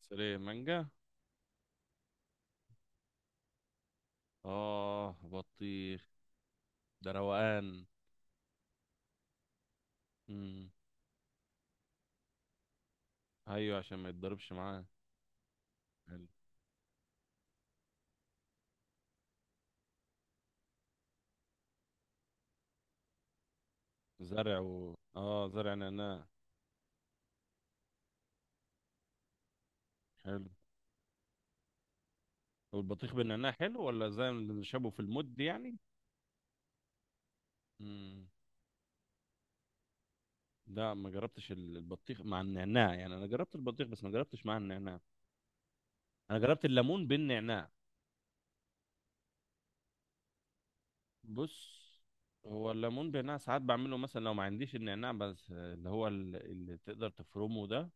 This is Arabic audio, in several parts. سريع مانجا. اه، بطيخ. ده روقان. امم. ايوه، عشان ما يتضربش معاه. حلو. اه، زرع نعناع. حلو. والبطيخ بالنعناع حلو ولا زي اللي شابه في المد، يعني؟ امم. لا، ما جربتش البطيخ مع النعناع، يعني انا جربت البطيخ بس ما جربتش مع النعناع. انا جربت الليمون بالنعناع. بص. هو الليمون بالنعناع ساعات بعمله، مثلا لو ما عنديش النعناع بس، اللي هو اللي تقدر تفرمه ده.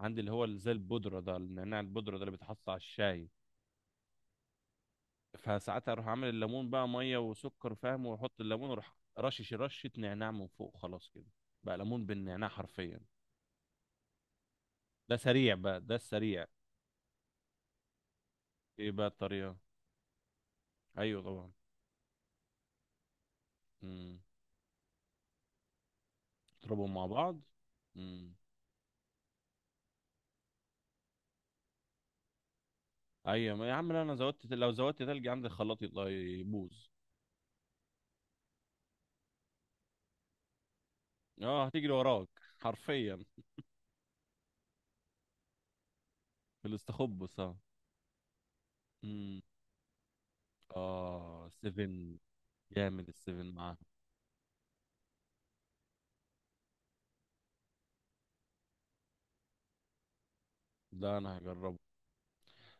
عندي اللي هو اللي زي البودرة ده، النعناع البودرة ده اللي بيتحط على الشاي. فساعتها اروح عامل الليمون بقى ميه وسكر، فاهم، واحط الليمون واروح رشش رشه نعناع من فوق، خلاص كده. بقى ليمون بالنعناع حرفيا. ده سريع بقى، ده السريع. ايه بقى الطريقه؟ ايوه طبعا. امم. اضربهم مع بعض. امم. ايوه، ما يا عم، لا انا زودت، لو زودت تلج عندي الخلاط يطلع يبوظ. اه، هتجري وراك. حرفيا. في الاستخبص، اه. امم. اه، سيفن. جامد السيفن معاه. ده انا هجربه.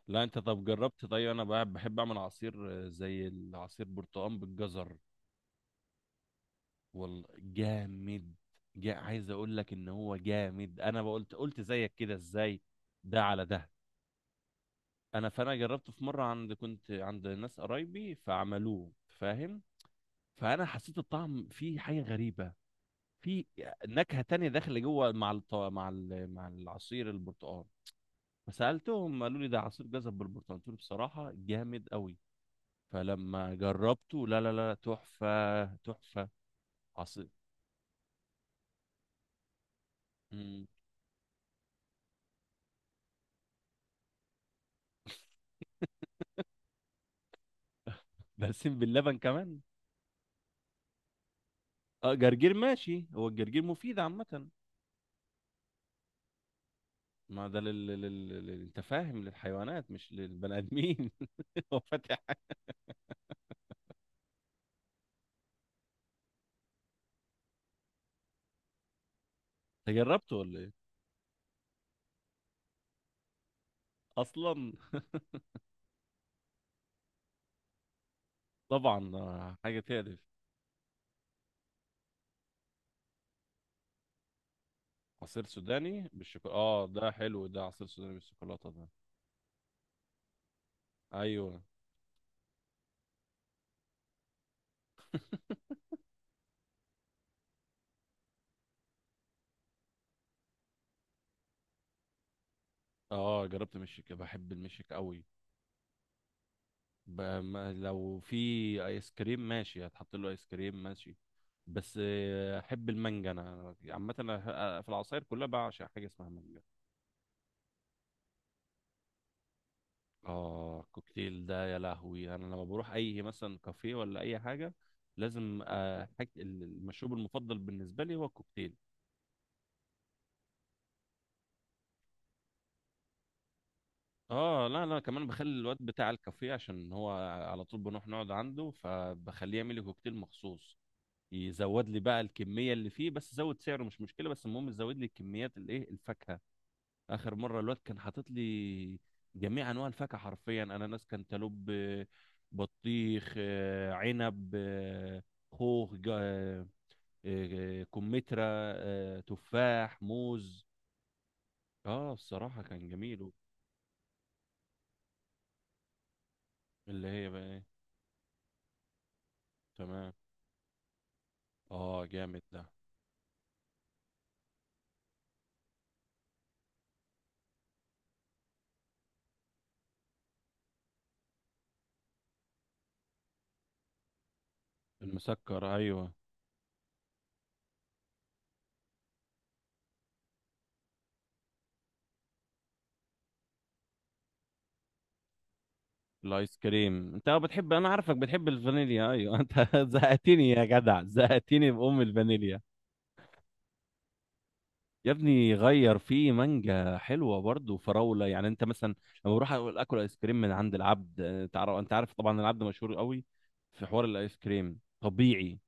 لا انت، طب جربت؟ طيب انا بحب اعمل عصير. زي العصير برتقال بالجزر. والله جامد. جا عايز اقول لك ان هو جامد، انا قلت زيك كده، ازاي؟ ده على ده. فانا جربته في مره، كنت عند ناس قرايبي فعملوه، فاهم. فانا حسيت الطعم فيه حاجه غريبه. في نكهه تانية داخله جوه، مع الط... مع ال... مع العصير البرتقال. فسالتهم قالوا لي ده عصير جزر بالبرتقال، قلت له بصراحه جامد قوي. فلما جربته، لا لا لا، تحفة تحفة. عصير. مم. بلسم باللبن كمان. اه، جرجير ماشي، هو الجرجير مفيد عامة؟ ما ده انت فاهم، للحيوانات مش للبني ادمين. هو فاتح حاجة. انت جربته ولا ايه؟ اصلا. طبعا، حاجة تقرف. عصير سوداني بالشوكولاتة، اه ده حلو ده، عصير سوداني بالشوكولاتة ده. ايوه. اه، جربت مشيك، بحب المشيك قوي. لو في ايس كريم ماشي، هتحط له ايس كريم ماشي. بس، احب المانجا انا عامه، في العصاير كلها بعشق حاجه اسمها مانجا. اه، الكوكتيل ده يا لهوي، انا لما بروح اي مثلا كافيه ولا اي حاجه، لازم المشروب المفضل بالنسبه لي هو الكوكتيل. اه لا لا، كمان بخلي الواد بتاع الكافيه، عشان هو على طول بنروح نقعد عنده، فبخليه يعمل لي كوكتيل مخصوص. يزود لي بقى الكميه اللي فيه، بس زود سعره مش مشكله، بس المهم زود لي كميات الايه الفاكهه. اخر مره الواد كان حاطط لي جميع انواع الفاكهه حرفيا: اناناس، كانتالوب، بطيخ، عنب، خوخ، كمثرى، تفاح، موز. اه، الصراحه كان جميل. اللي هي بقى ايه؟ تمام. اه، جامد ده. المسكر، ايوه. الايس كريم انت، بتحب، انا عارفك بتحب الفانيليا، ايوه. انت زهقتني يا جدع، زهقتني بام الفانيليا. يا ابني، غير في مانجا حلوه برضه وفراوله، يعني انت مثلا لما بروح اقول اكل ايس كريم من عند العبد، تعرف، انت عارف طبعا العبد مشهور قوي في حوار الايس كريم طبيعي.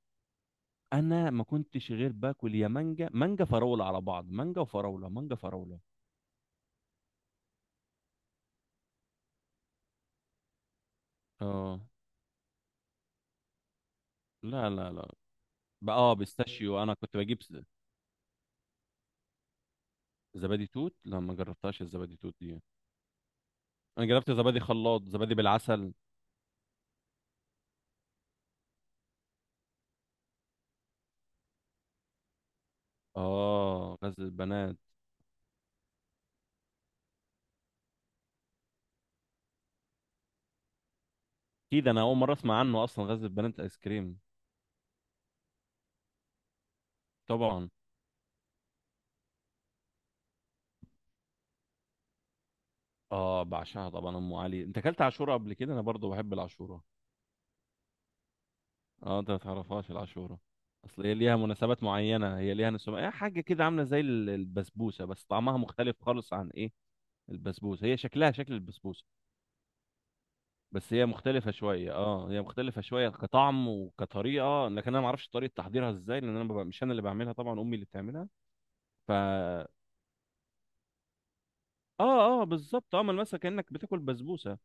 انا ما كنتش غير باكل يا مانجا، مانجا فراوله على بعض، مانجا وفراوله، مانجا فراوله. اه. لا لا لا. بقى اه، بيستاشيو. انا كنت بجيب زبادي توت، لا ما جربتهاش الزبادي توت دي. انا جربت زبادي خلاط، زبادي بالعسل. اه، غزل البنات. اكيد، انا اول مره اسمع عنه اصلا، غزل البنات ايس كريم. طبعا. اه، بعشقها طبعا ام علي. انت اكلت عاشوره قبل كده؟ انا برضو بحب العاشوره. اه، انت ما تعرفهاش العاشوره؟ اصل هي ليها مناسبات معينه، هي ليها نسمة، هي حاجه كده عامله زي البسبوسه، بس طعمها مختلف خالص عن ايه البسبوسه. هي شكلها شكل البسبوسه، بس هي مختلفه شويه، اه، هي مختلفه شويه كطعم وكطريقه، لكن انا ما اعرفش طريقه تحضيرها ازاي، لان انا مش انا اللي بعملها، طبعا امي اللي بتعملها. ف اه، بالظبط، اه، ملمسها كانك بتاكل بسبوسه.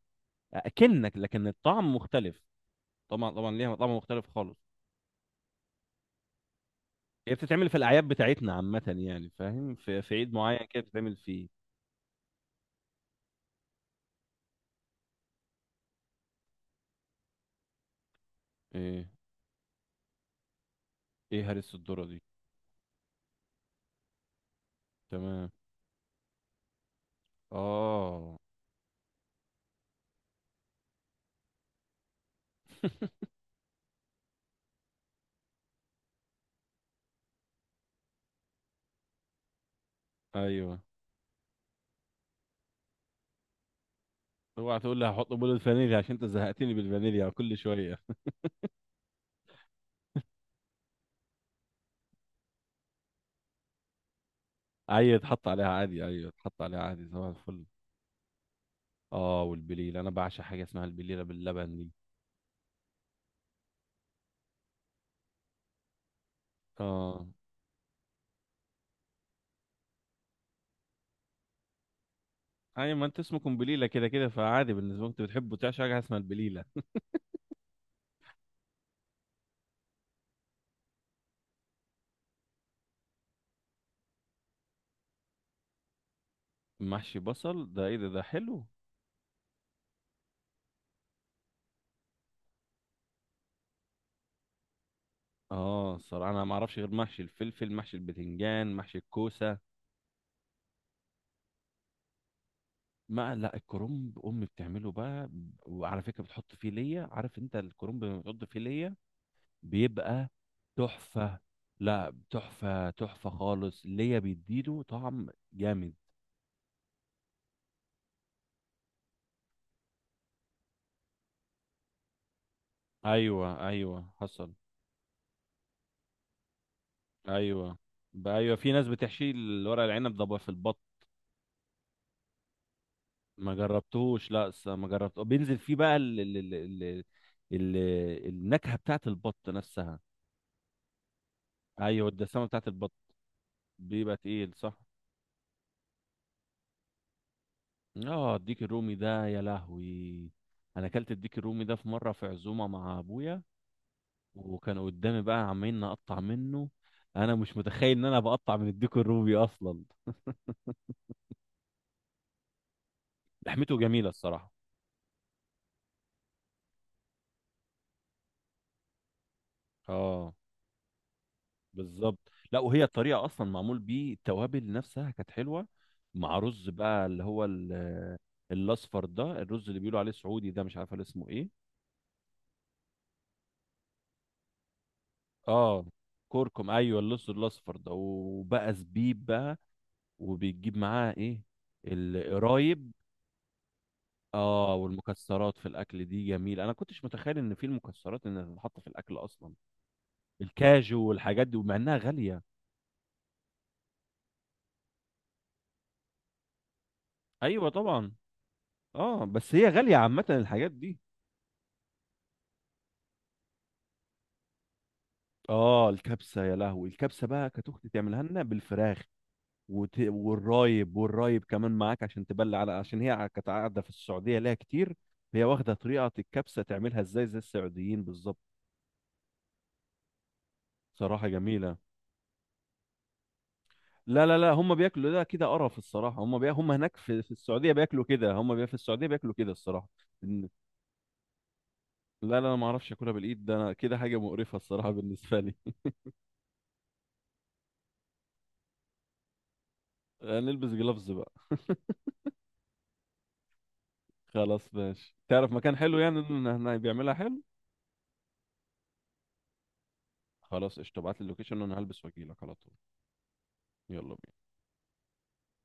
اكنك، لكن الطعم مختلف. طبعا طبعا، ليها طعم مختلف خالص. هي بتتعمل في الاعياد بتاعتنا عامه، يعني فاهم، في عيد معين كده بتتعمل فيه. ايه؟ هرس الذره دي؟ تمام. اه. ايوه، اوعى تقول لي هحط بول الفانيليا عشان انت زهقتني بالفانيليا كل شويه. ايوه، اتحط عليها عادي. ايوه اتحط عليها عادي، صباح الفل. اه، والبليله انا بعشق حاجه اسمها البليله باللبن دي. اه، اي ما انت اسمه قنبليله كده كده، فعادي بالنسبه لك انت بتحبه تعشى حاجه اسمها البليله. محشي بصل ده، ايه ده؟ ده حلو. اه، الصراحه انا ما اعرفش غير محشي الفلفل، محشي البتنجان، محشي الكوسه. ما لا، الكرنب امي بتعمله بقى. وعلى فكره بتحط فيه ليا، عارف انت الكرنب لما بتحط فيه ليا بيبقى تحفه. لا، تحفه تحفه خالص ليا، بيديله طعم جامد. ايوه ايوه حصل. ايوه. بقى ايوه، في ناس بتحشي الورق العنب ده بقى في البط. ما جربتوش، لا، ما جربت. بينزل فيه بقى ال ال ال ال ال النكهة بتاعت البط نفسها. ايوه، الدسامة بتاعت البط. بيبقى تقيل، صح. اه، الديك الرومي ده يا لهوي. انا اكلت الديك الرومي ده في مرة، في عزومة مع ابويا، وكان قدامي بقى، عمالين نقطع منه. انا مش متخيل ان انا بقطع من الديك الرومي اصلا. لحمته جميلة الصراحة. اه، بالظبط. لا، وهي الطريقه اصلا معمول بيه، التوابل نفسها كانت حلوه، مع رز بقى اللي هو الاصفر ده، الرز اللي بيقولوا عليه سعودي ده، مش عارف اسمه ايه. اه، كركم، ايوه، اللص الاصفر ده، وبقى زبيب بقى. وبيجيب معاه ايه؟ القرايب. اه، والمكسرات في الاكل دي جميل، انا كنتش متخيل ان في المكسرات انها تتحط في الاكل اصلا. الكاجو والحاجات دي، ومع انها غاليه. ايوه طبعا. اه بس، هي غاليه عامه الحاجات دي. اه، الكبسه يا لهوي، الكبسه بقى كانت اختي تعملها لنا بالفراخ. والرايب، والرايب كمان معاك عشان تبلع على، عشان هي كانت قاعده في السعوديه ليها كتير. هي واخده طريقه الكبسه تعملها ازاي زي السعوديين بالظبط. صراحه جميله. لا لا لا، هم بياكلوا ده كده قرف الصراحه، هم هناك في السعوديه بياكلوا كده، في السعوديه بياكلوا كده الصراحه. إن- لا لا، انا ما اعرفش اكلها بالايد، ده انا كده حاجه مقرفه الصراحه بالنسبه لي. نلبس جلافز بقى. خلاص ماشي، تعرف مكان حلو يعني إن- إن- إن بيعملها حلو؟ خلاص قشطة، ابعت لي اللوكيشن وانا هلبس واجيلك على طول. يلا بينا.